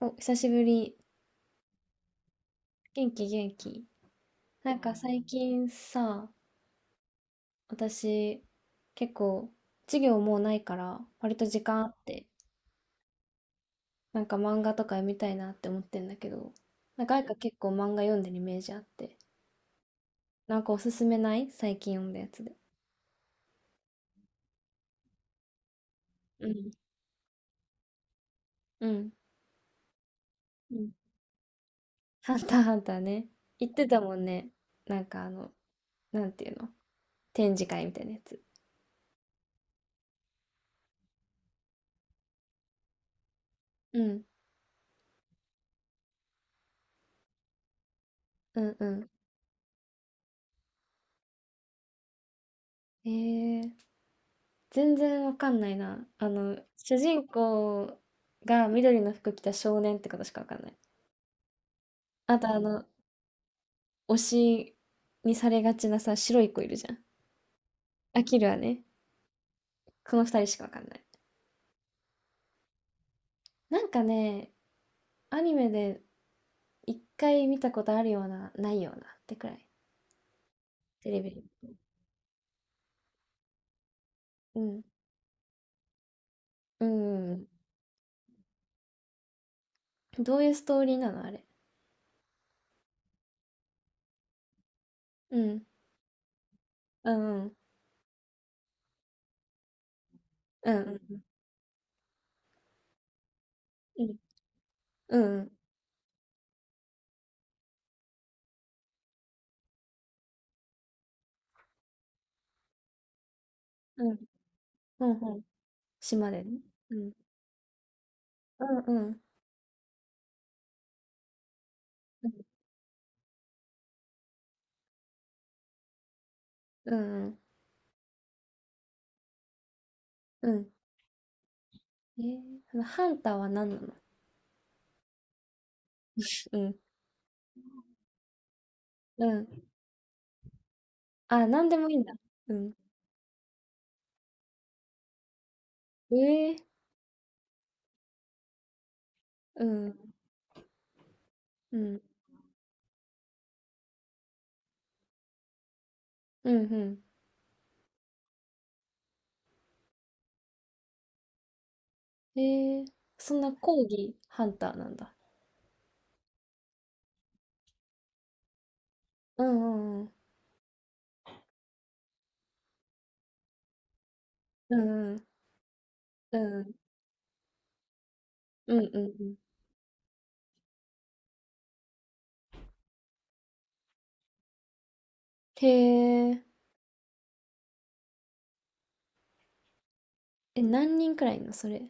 お、久しぶり。元気元気。なんか最近さ、私結構授業もうないから割と時間あって、なんか漫画とか読みたいなって思ってんだけど、なんか愛花結構漫画読んでるイメージあって、なんかおすすめない最近読んだやつで。うん。うん。うんハンターハンターね。言ってたもんね。なんかなんていうの展示会みたいなやつ。うん。うんうん。えー全然わかんないな。主人公が緑の服着た少年ってことしかわかんない。あと、推しにされがちなさ、白い子いるじゃん。アキルはね、この二人しかわかんない。なんかね、アニメで一回見たことあるような、ないようなってくらい。テレビで。うん。うん。うんどういうストーリーなのあれ。うん。うん。うん。うん。うん。うん。うん。うん。うん。うん島でね。うん。うん。うん。うん。うん。うん。えー、そのハンターは何なの うん、うん。あ、何でもいいんだ。うん。ええうん、うん、うん、うん。えー、そんな講義ハンターなんだ。うん、うん、うん、うん、うん、うん、うん、うんうん。へえ、え、何人くらいいんのそれ。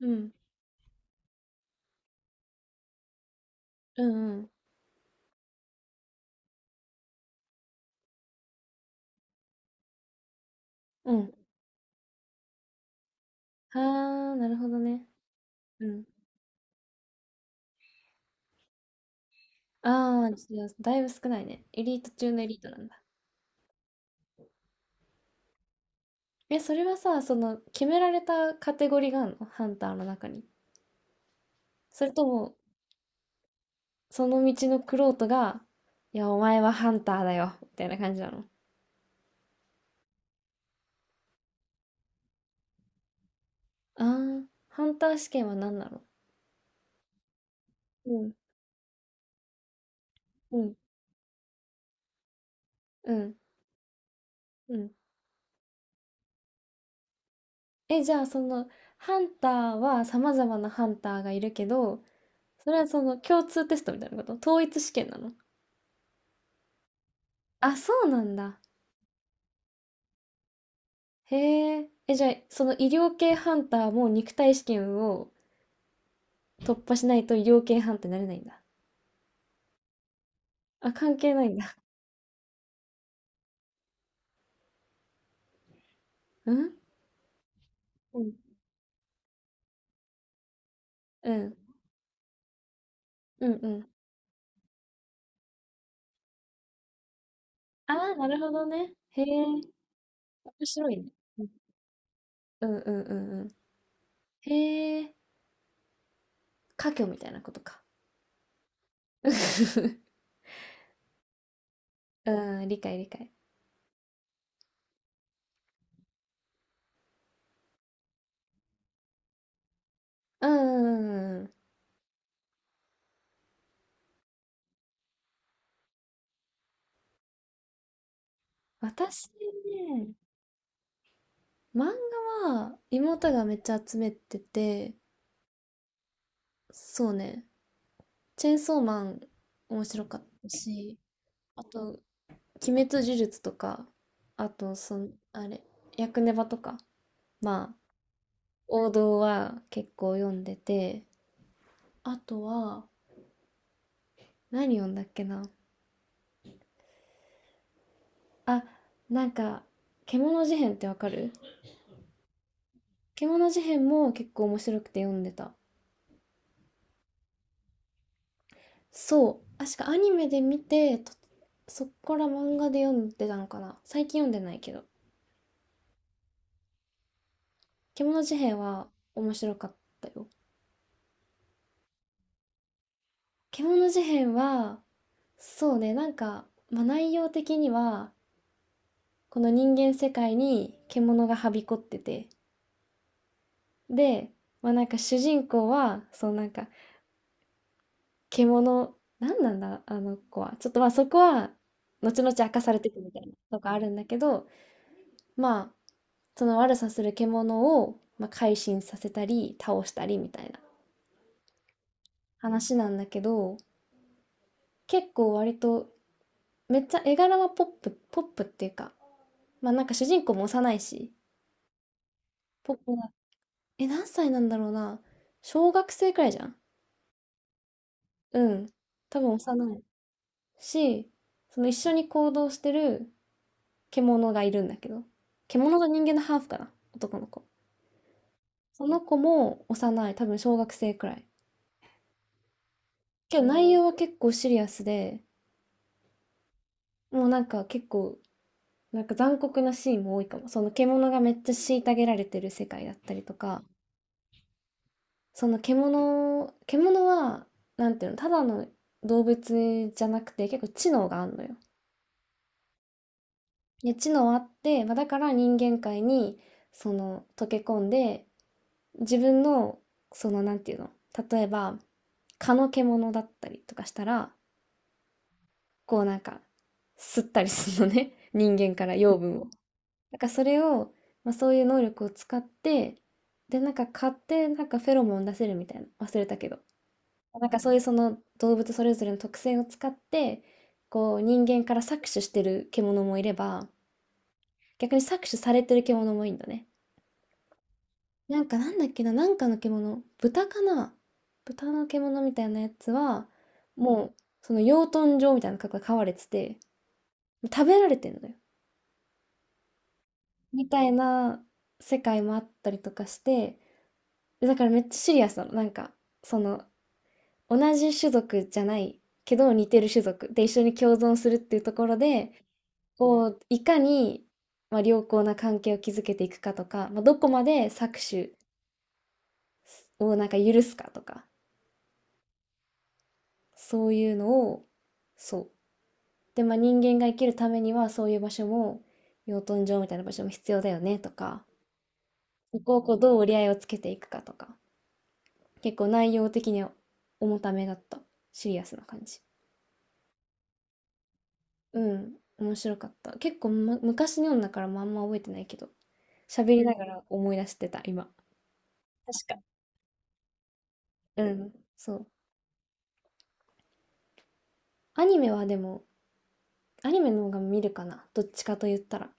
うん、うん、うん、うん。ああ、なるほどね。うん。ああじゃあだいぶ少ないね。エリート中のエリートなんだ。え、それはさ、その、決められたカテゴリーがあるのハンターの中に。それとも、その道の玄人が、いや、お前はハンターだよ、みたいな感じなの。あーハンター試験は何なのうん、うん、うん、うん。え、じゃあその、ハンターは様々なハンターがいるけど、それはその共通テストみたいなこと統一試験なのあ、そうなんだ。へえ。え、じゃあ、その医療系ハンターも肉体試験を突破しないと医療系ハンターになれないんだ。あ、関係ないんだ。うんうん。うん。うんうん。ああ、なるほどね。へえ。面白いね。うんうんうんうん。へえ、家業みたいなことか。うん、理解理解。うんうんうんうん。私ね、漫画は妹がめっちゃ集めてて、そうね、チェンソーマン面白かったし、あと、鬼滅呪術とか、あと、その、あれ、ヤクネバとか、まあ、王道は結構読んでて、あとは、何読んだっけなあ、なんか、獣事変ってわかる獣事変も結構面白くて読んでた。そう。確かアニメで見て、とそっから漫画で読んでたのかな。最近読んでないけど。獣事変は面白かったよ。獣事変は、そうね、なんか、まあ、内容的には、この人間世界に獣がはびこってて、で、まあ、なんか主人公は、そうなんか、獣なんなんだ、あの子は。ちょっとまあそこは、後々明かされていくみたいなとかあるんだけど、まあ、その悪さする獣を、まあ、改心させたり、倒したりみたいな話なんだけど、結構割と、めっちゃ絵柄はポップ、ポップっていうか、まあなんか主人公も幼いし、ポップな、え、何歳なんだろうな。小学生くらいじゃんうん。多分幼いし、その一緒に行動してる獣がいるんだけど、獣と人間のハーフかな、男の子。その子も幼い、多分小学生くらい。けど内容は結構シリアスで、もうなんか結構、なんか残酷なシーンも多いかも。その獣がめっちゃ虐げられてる世界だったりとか、その獣は、なんていうの、ただの動物じゃなくて結構知能があんのよ。で、知能あって、まあ、だから人間界にその溶け込んで自分のそのなんていうの例えば蚊の獣だったりとかしたら、こうなんか、吸ったりするのね。人間から養分を。だからそれを、まあ、そういう能力を使って、で、なんか蚊ってなんかフェロモン出せるみたいな。忘れたけど。なんかそういうその動物それぞれの特性を使って、こう人間から搾取してる獣もいれば、逆に搾取されてる獣もいいんだね。なんかなんだっけな、なんかの獣、豚かな豚の獣みたいなやつは、もう、その養豚場みたいな格が飼われてて、食べられてんのよ。みたいな世界もあったりとかして、でだからめっちゃシリアスなの。なんか、その、同じ種族じゃないけど似てる種族で一緒に共存するっていうところで、こう、いかに、まあ、良好な関係を築けていくかとか、まあ、どこまで搾取をなんか許すかとか、そういうのを、そう。で、まあ人間が生きるためにはそういう場所も、養豚場みたいな場所も必要だよねとか、そこをこうどう折り合いをつけていくかとか、結構内容的には重ためだった。シリアスな感じ。うん、面白かった。結構、ま、昔の読んだからまああんま覚えてないけど、喋りながら思い出してた、今。確かにうん、そう。アニメはでも、アニメの方が見るかな。どっちかと言ったら。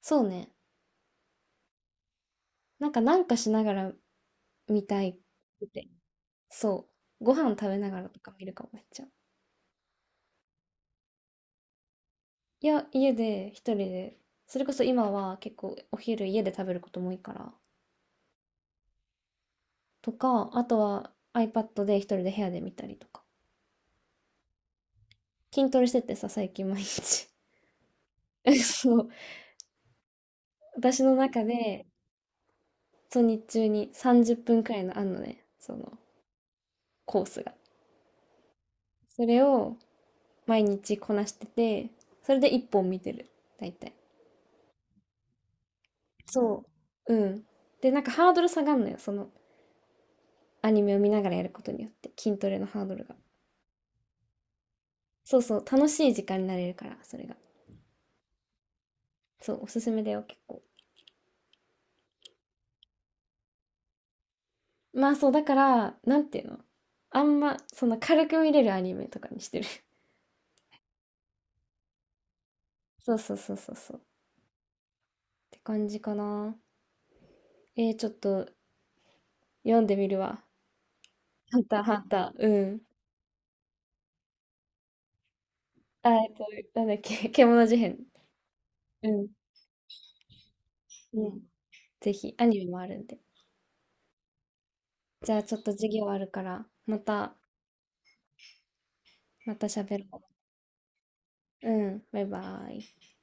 そうね。なんかなんかしながら見たいってそう。ご飯食べながらとか見るかもめっちゃ。いや、家で一人で、それこそ今は結構お昼家で食べることも多いから、とか、あとは iPad で一人で部屋で見たりとか。筋トレしててさ、最近毎日。そう。私の中で、そう、日中に30分くらいのあんのね、そのコースが。それを毎日こなしてて、それで一本見てる。大体。そう。うん。で、なんかハードル下がんのよ。そのアニメを見ながらやることによって筋トレのハードルがそうそう楽しい時間になれるからそれがそうおすすめだよ結構まあそうだからなんていうのあんまその軽く見れるアニメとかにしてる そうそうそうそうそうって感じかなえー、ちょっと読んでみるわハンターハンターうんあなんだっけ 獣事変うん、うん、ぜひアニメもあるんでじゃあちょっと授業あるからまたまた喋ろううんバイバイ